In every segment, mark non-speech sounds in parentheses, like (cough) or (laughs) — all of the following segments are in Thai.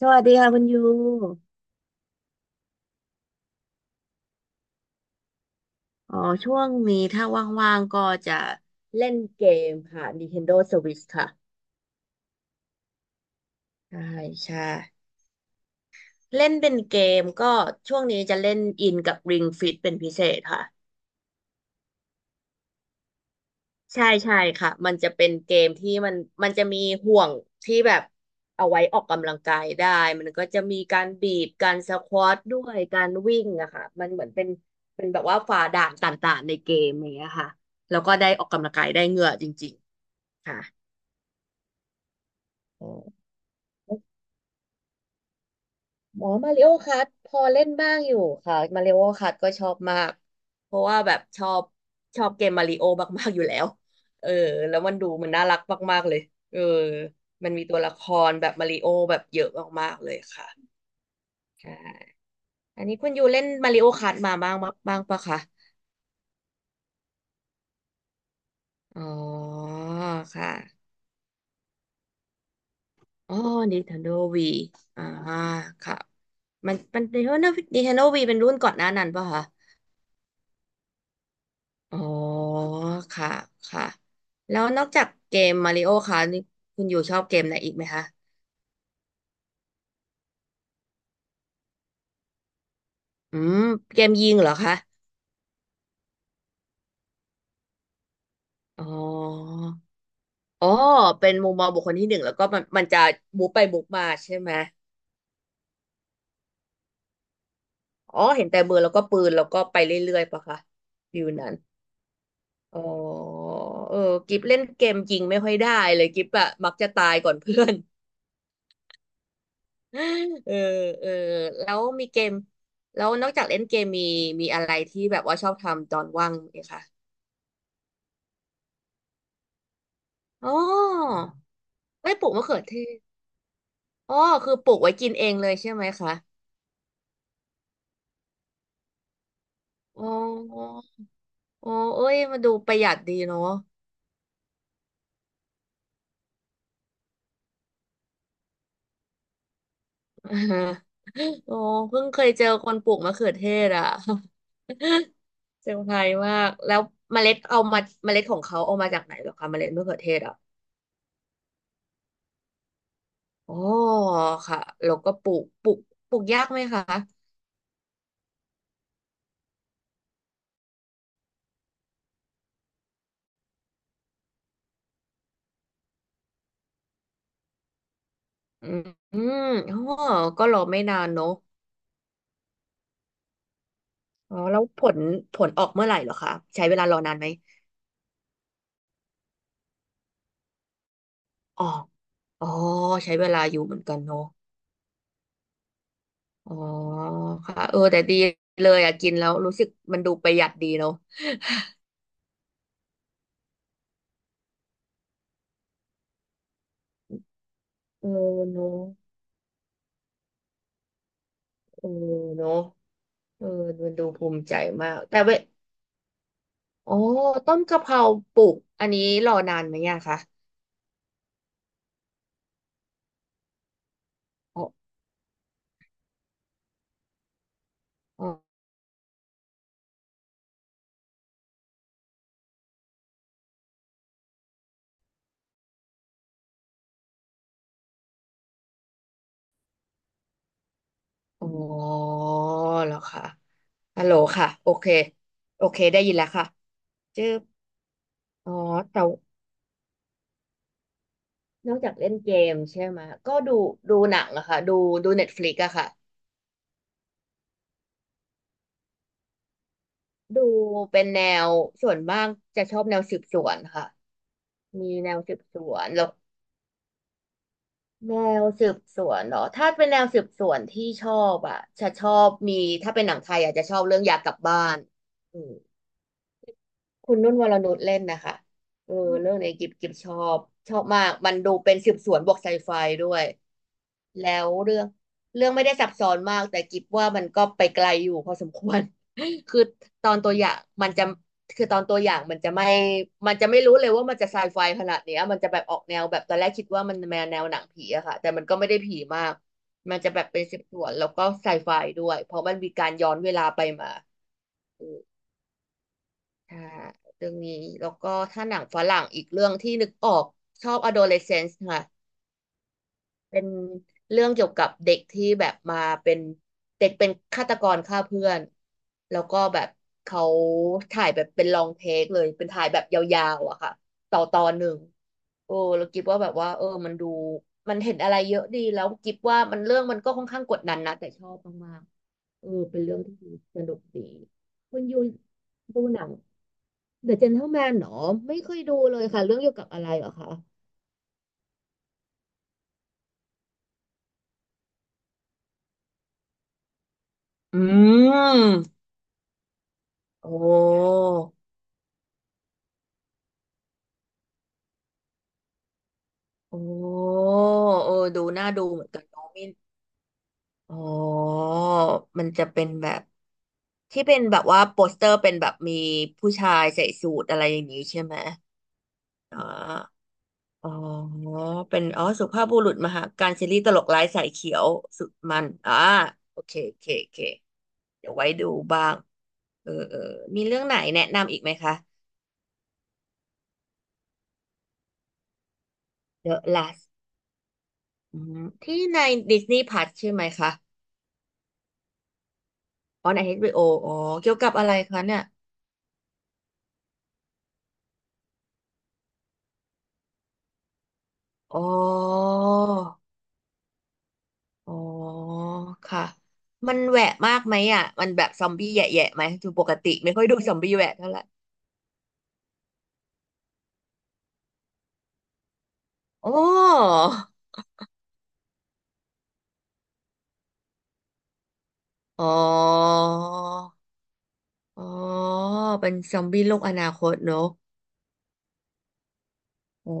สวัสดีค่ะคุณยูอ๋อช่วงนี้ถ้าว่างๆก็จะเล่นเกมค่ะ Nintendo Switch ค่ะใช่ใช่เล่นเป็นเกมก็ช่วงนี้จะเล่นอินกับ Ring Fit เป็นพิเศษค่ะใช่ใช่ค่ะมันจะเป็นเกมที่มันจะมีห่วงที่แบบเอาไว้ออกกำลังกายได้มันก็จะมีการบีบการสควอตด้วยการวิ่งอะค่ะมันเหมือนเป็นเป็นแบบว่าฝ่าด่านต่างๆในเกมอย่างเงี้ยค่ะแล้วก็ได้ออกกำลังกายได้เหงื่อจริงๆค่ะ อ๋อหมอมาริโอคัทพอเล่นบ้างอยู่ค่ะมาริโอคัทก็ชอบมากเพราะว่าแบบชอบชอบเกมมาริโอมากๆอยู่แล้วเออแล้วมันดูมันน่ารักมากๆเลยเออมันมีตัวละครแบบมาริโอแบบเยอะมากๆเลยค่ะใช่อันนี้คุณยูเล่นมาริโอคัทมาบ้างบ้างปะคะอ๋อค่ะอ๋อ Nintendo Wii อ่าค่ะมันมัน Nintendo Nintendo Wii เป็นรุ่นก่อนหน้านั้นปะคะ อ๋อค่ะค่ะแล้วนอกจากเกมมาริโอคะนี่คุณอยู่ชอบเกมไหนอีกไหมคะอืมเกมยิงเหรอคะอ๋ออ๋อเป็นมุมมองบุคคลที่หนึ่งแล้วก็มันจะบุกไปบุกมาใช่ไหมอ๋อเห็นแต่มือแล้วก็ปืนแล้วก็ไปเรื่อยๆปะคะฟิวนั้นอ๋อเออกิฟเล่นเกมยิงไม่ค่อยได้เลยกิฟอะมักจะตายก่อนเพื่อน เออเออแล้วมีเกมแล้วนอกจากเล่นเกมมีมีอะไรที่แบบว่าชอบทำตอนว่างไหมคะอ๋อไม่ปลูกมะเขือเทศอ๋อคือปลูกไว้กินเองเลยใช่ไหมคะอ๋ออ๋อเอ้ยมาดูประหยัดดีเนาะ (laughs) โอ้เพิ่งเคยเจอคนปลูกมะเขือเทศอ่ะ (laughs) เซอร์ไพรส์มากแล้วเมล็ดเอามาเมล็ดของเขาเอามาจากไหนเหรอคะเมล็ดมะเขือเทศอ่ะอ๋อค่ะแล้วก็ปลูกปลูกยากไหมคะ อืมอืมอ๋อก็รอไม่นานเนอะอ๋อแล้วผลผลออกเมื่อไหร่เหรอคะใช้เวลารอนานไหมอ๋ออ๋อใช้เวลาอยู่เหมือนกันเนอะอ๋อค่ะเออแต่ดีเลยอะกินแล้วรู้สึกมันดูประหยัดดีเนอะเออเนอะเออเนอะเออมันดูภูมิใจมากแต่เวอ๋อต้นกะเพราปลูกอันนี้รอนานไหมอะคะอ๋ออ๋ออ๋อเหรอคะฮัลโหลค่ะโอเคโอเคได้ยินแล้วค่ะเจอ อ๋อแต่นอกจากเล่นเกมใช่ไหมก็ดูดูหนังอะค่ะดูดูเน็ตฟลิกอะค่ะดูเป็นแนวส่วนมากจะชอบแนวสืบสวนค่ะมีแนวสืบสวนแล้วแนวสืบสวนเหรอถ้าเป็นแนวสืบสวนที่ชอบอะจะชอบมีถ้าเป็นหนังไทยอาจจะชอบเรื่องอยากกลับบ้านอืม คุณนุ่นวรนุชเล่นนะคะเออเรื่องเนี้ยกิบกิบชอบชอบมากมันดูเป็นสืบสวนบวกไซไฟด้วยแล้วเรื่องเรื่องไม่ได้ซับซ้อนมากแต่กิบว่ามันก็ไปไกลอยู่พอสมควร (laughs) คือตอนตัวอย่างมันจะคือตอนตัวอย่างมันจะไม่มันจะไม่รู้เลยว่ามันจะไซไฟขนาดเนี้ยมันจะแบบออกแนวแบบตอนแรกคิดว่ามันแนวแนวหนังผีอะค่ะแต่มันก็ไม่ได้ผีมากมันจะแบบเป็นสืบสวนแล้วก็ไซไฟด้วยเพราะมันมีการย้อนเวลาไปมา ค่ะเรื่องนี้แล้วก็ถ้าหนังฝรั่งอีกเรื่องที่นึกออกชอบ Adolescence ค่ะเป็นเรื่องเกี่ยวกับเด็กที่แบบมาเป็นเด็กเป็นฆาตกรฆ่าเพื่อนแล้วก็แบบเขาถ่ายแบบเป็นลองเทคเลยเป็นถ่ายแบบยาวๆอะค่ะต่อตอนหนึ่งโอ้เราคิดว่าแบบว่าเออมันดูมันเห็นอะไรเยอะดีแล้วกิบว่ามันเรื่องมันก็ค่อนข้างกดดันนะแต่ชอบมาก เออเป็นเรื่องที่สนุกดีคุณยูดูหนัง The Gentleman เหรอไม่เคยดูเลยค่ะเรื่องเกี่ยวกับอะไรเหรอคะอืมโอ้โอ้เออดูน่าดูเหมือนกันน้องมินอ๋อมันจะเป็นแบบที่เป็นแบบว่าโปสเตอร์เป็นแบบมีผู้ชายใส่สูทอะไรอย่างนี้ใช่ไหมอ่า อ๋อเป็น อ๋อ สุภาพบุรุษมหาการซีรีส์ตลกร้ายสายเขียวสุดมันอ่าโอเคโอเคโอเคเดี๋ยวไว้ดูบ้างเออเออ มีเรื่องไหนแนะนำอีกไหมคะ The Last อืมที่ใน Disney Plus ใช่ไหมคะอ๋อใน h ร o ออ๋อ เกี่ยวกับอะไรคะเนี่ย อ๋อ อ๋อ ค่ะ มันแหวะมากไหมอ่ะมันแบบซอมบี้แยะๆไหมคือปกติไม่ค่อยดูซอมบี้แหวะเท่าไหร่อ๋ออ๋อ อ๋อเป็นซอมบี้โลกอนาคตเนอะอ๋อ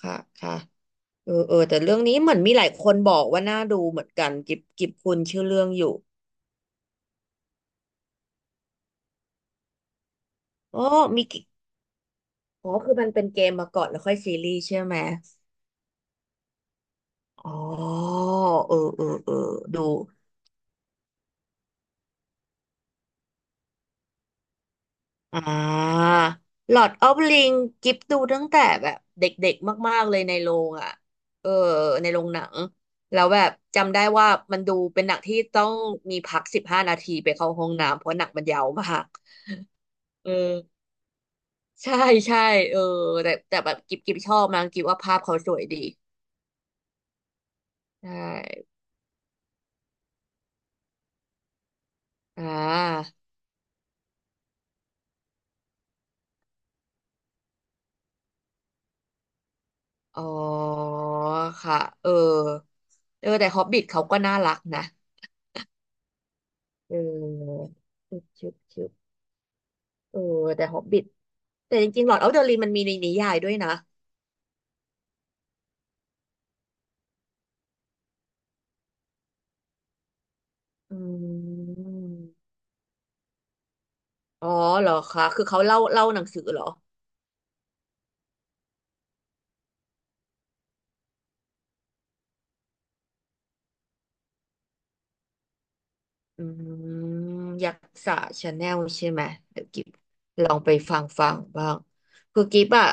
ค่ะค่ะเออเออแต่เรื่องนี้เหมือนมีหลายคนบอกว่าน่าดูเหมือนกันกิบกิบคุณชื่อเรื่องอยู่อ๋อมีกิอ๋อคือมันเป็นเกมมาก่อนแล้วค่อยซีรีส์ใช่ไหมอ๋อเออเออเออดู อ่าหลอดออฟลิงกิฟดูตั้งแต่แบบเด็กๆมากๆเลยในโรงอ่ะเออในโรงหนังแล้วแบบจำได้ว่ามันดูเป็นหนังที่ต้องมีพัก15 นาทีไปเข้าห้องน้ำเพราะหนังมันยาวมากเออใช่ใช่เออแต่แบบกิฟชอบนะกิฟว่าภาพเขาสวยดีใช่อ่าอ๋อค่ะเออเออแต่ฮอบบิ t เขาก็น่ารักนะเออชึบชึบชึบเออแต่ฮอบบิ แต่จริงๆ Lord of the Ring มันมีในนิยายด้วยนะอืมอ๋อเหรอคะ คือเขาเล่าหนังสือเหรออืมยักษ์ชาแนลใช่ไหมเดี๋ยวกิฟลองไปฟังบ้าง คือกิฟอะ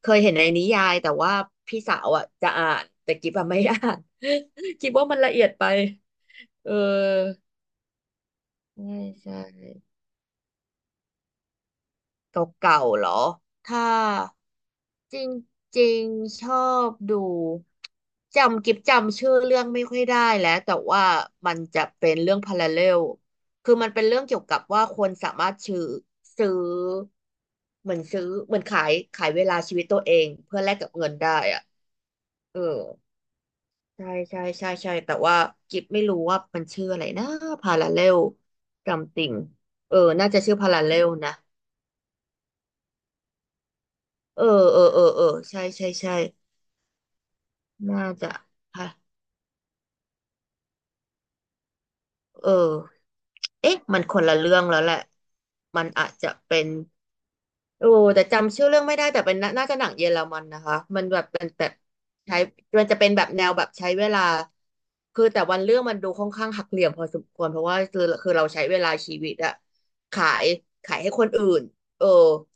เคยเห็นในนิยายแต่ว่าพี่สาวอะจะอ่านแต่กิฟอะไม่อ่าน (laughs) กิฟว่ามันละเอียดไป เออใช่ใช่ เก่าๆเหรอ ถ้าจริงๆ ชอบดูจำกิบจำชื่อเรื่องไม่ค่อยได้แล้วแต่ว่ามันจะเป็นเรื่องพาราเรลคือมันเป็นเรื่องเกี่ยวกับว่าคนสามารถซื้อเหมือนซื้อเหมือนขายเวลาชีวิตตัวเองเพื่อแลกกับเงินได้อะเออใช่แต่ว่ากิฟไม่รู้ว่ามันชื่ออะไรนะพาราเรลจำติงเออน่าจะชื่อพาราเรลนะ เออ เออ เออ เออ ใช่ใช่ใช่น่าจะค่ะ เออ เอ๊ะมันคนละเรื่องแล้วแหละ มันอาจจะเป็น โอ้แต่จำชื่อเรื่องไม่ได้แต่เป็นน่าน่าจะหนังเยอรมันนะคะมันแบบเป็นแบบใช้มันจะเป็นแบบแนวแบบใช้เวลาแต่วันเรื่องมันดูค่อนข้างหักเหลี่ยมพอสมควรเพราะว่าคือเราใช้เวลาชีวิตอะขายขายให้คนอื่นเออ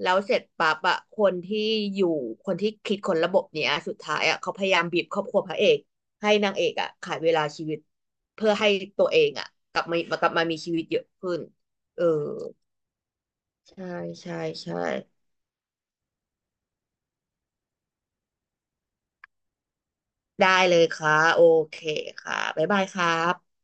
แล้วเสร็จปั๊บอะคนที่อยู่คนที่คิดคนระบบเนี้ยสุดท้ายอะเขาพยายามบีบครอบครัวพระเอกให้นางเอกอะขายเวลาชีวิตเพื่อให้ตัวเองอะกลับมากลับมามีชีวิตเยอะขึ้นเออใช่ใช่ใช่ ได้เลยค่ะโอเคค่ะบ๊ายบายครับ